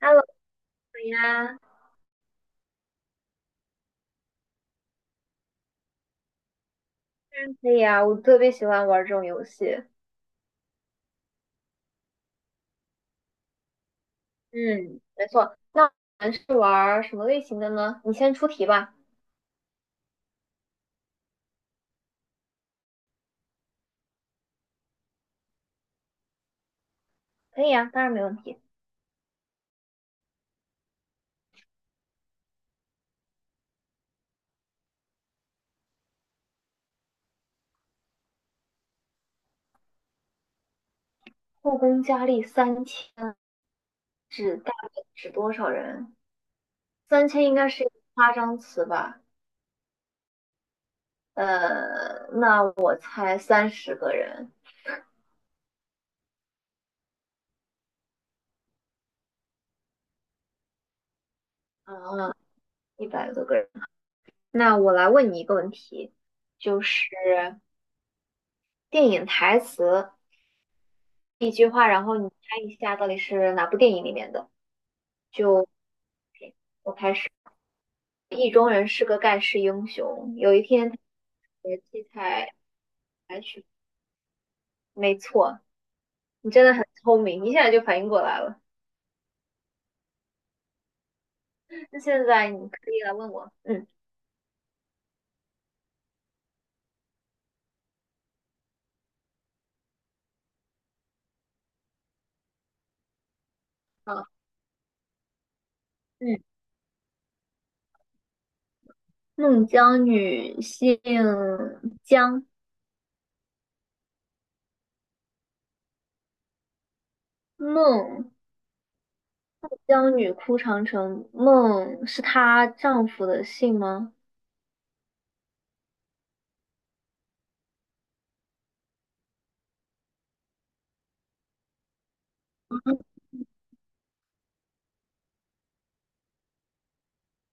Hello 你呀，当然可以啊，我特别喜欢玩这种游戏。嗯，没错。那我们是玩什么类型的呢？你先出题吧。可以啊，当然没问题。后宫佳丽三千大概指多少人？三千应该是一个夸张词吧？那我猜三十个人啊，一百多个人。那我来问你一个问题，就是电影台词一句话，然后你猜一下到底是哪部电影里面的。就我开始，意中人是个盖世英雄。有一天他学期才来学，没错，你真的很聪明，一下就反应过来了。那现在你可以来问我，嗯，好，嗯，孟姜女姓姜，孟姜女哭长城，孟是她丈夫的姓吗？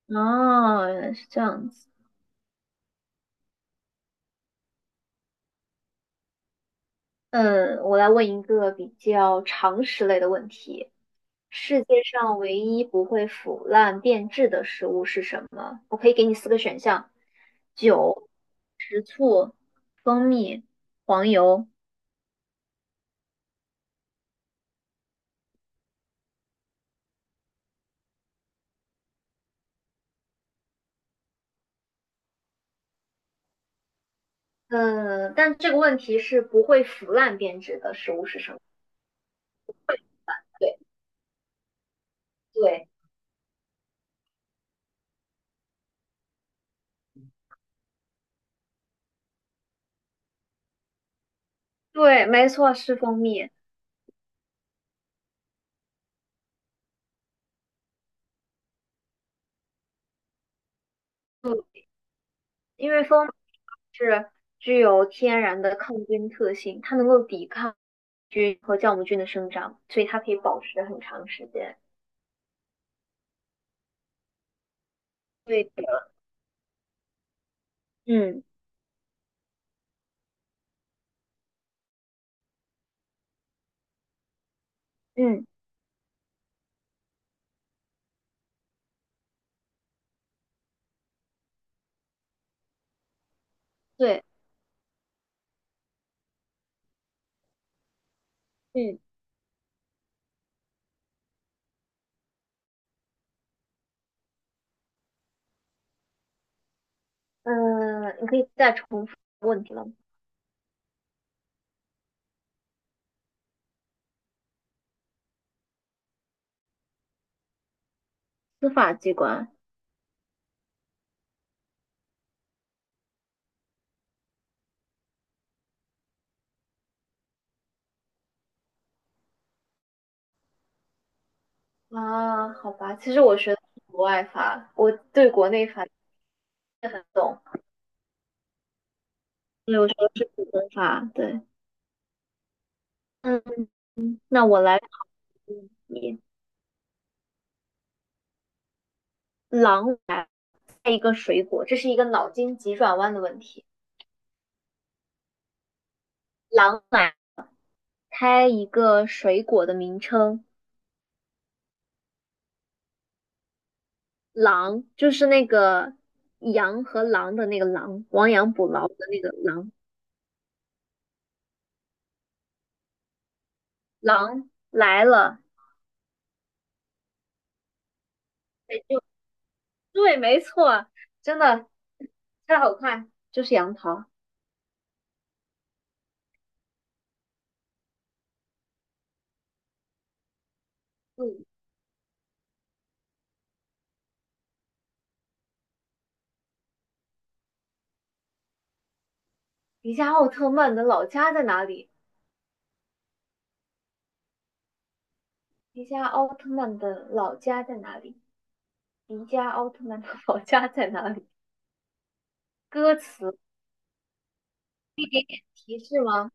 哦，原来是这样子。嗯，我来问一个比较常识类的问题：世界上唯一不会腐烂变质的食物是什么？我可以给你四个选项：酒、蜂蜜、黄油。嗯，但这个问题是不会腐烂变质的食物是什么？对对，对，没错，是蜂蜜，嗯，因为蜂蜜是具有天然的抗菌特性，它能够抵抗菌和酵母菌的生长，所以它可以保持很长时间。对的，嗯嗯，对，嗯，嗯，你可以再重复问题了吗？司法机关，啊，好吧，其实我学的是国外法，我对国内法不是很懂。对，我学的是普通法，对，嗯，那我来考问你，狼开一个水果，这是一个脑筋急转弯的问题。狼来开一个水果的名称，狼就是那个羊和狼的那个狼，亡羊补牢的那个狼。狼来了，得就对，没错，真的太好快，就是杨桃。嗯，迪迦奥特曼的老家在哪里？迪迦奥特曼的老家在哪里？迪迦奥特曼的 老家在哪里？歌词提示吗？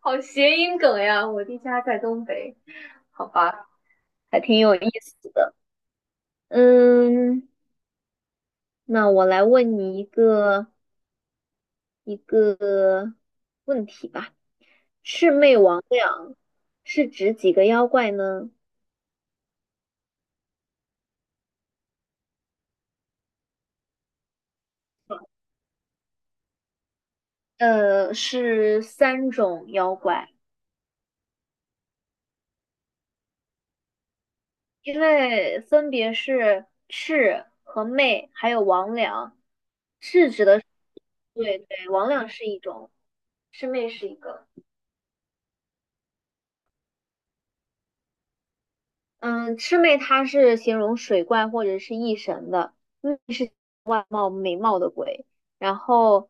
好谐音梗呀！我的家在东北，好吧，还挺有意思的。嗯，那我来问你一个问题吧。魑魅魍魉是指几个妖怪呢？是三种妖怪，因为分别是魑和魅，还有魍魉。魑指的是对对，魍魉是一种，魑魅是一个。嗯，魑魅它是形容水怪或者是异神的，魅是美貌的鬼，然后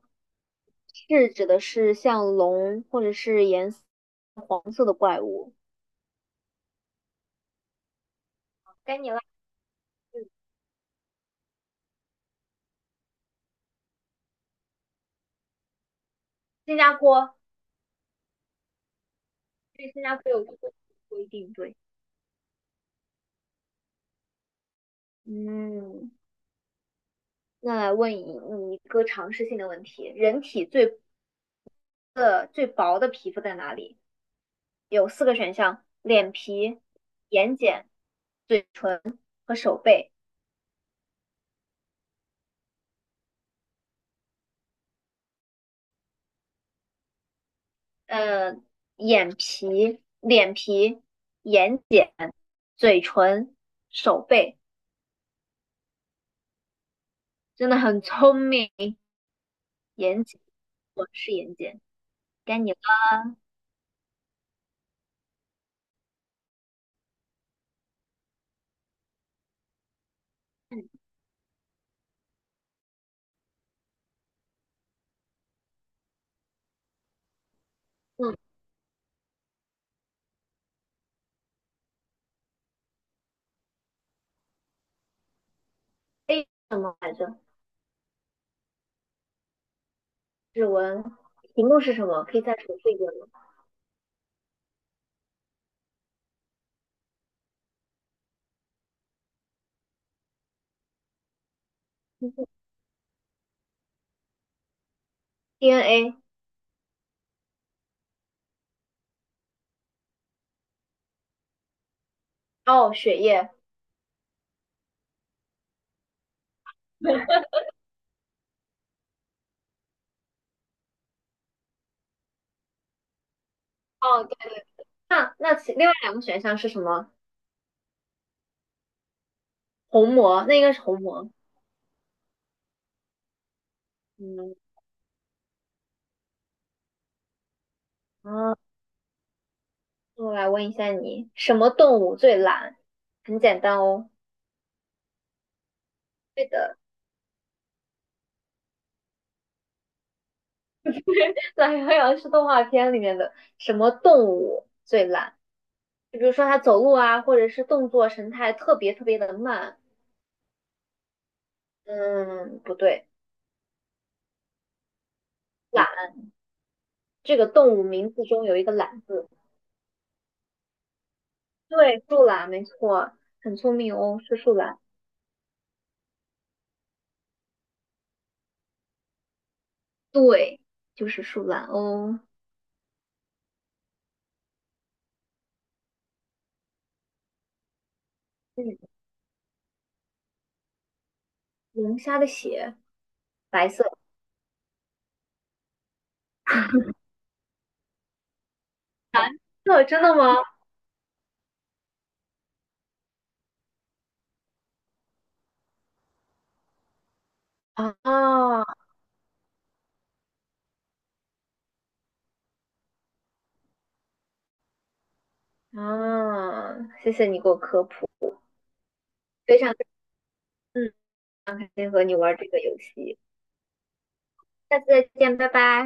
魑指的是像龙或者是颜色黄色的怪物。该你了。新加坡，对，新加坡有这个规定，对。嗯，那来问你一个常识性的问题：人体最薄的皮肤在哪里？有四个选项：脸皮、眼睑、嘴唇和手背。呃，眼皮、脸皮、眼睑、嘴唇、手背，真的很聪明。眼睑，我是眼睑，该你了。嗯，A 什么来着？指纹，题目是什么？可以再重复一遍吗？DNA，哦，血液，哦，对，那其另外两个选项是什么？虹膜，那应该是虹膜。嗯，啊，我来问一下你，什么动物最懒？很简单哦，对的，懒羊羊是动画片里面的什么动物最懒？就比如说它走路啊，或者是动作神态特别特别的慢。嗯，不对，懒这个动物名字中有一个懒字。对，树懒没错，很聪明哦，是树懒，对，就是树懒哦。嗯，龙虾的血白色，这真的吗？啊啊！谢谢你给我科普，非常嗯，很开心和你玩这个游戏。下次再见，拜拜。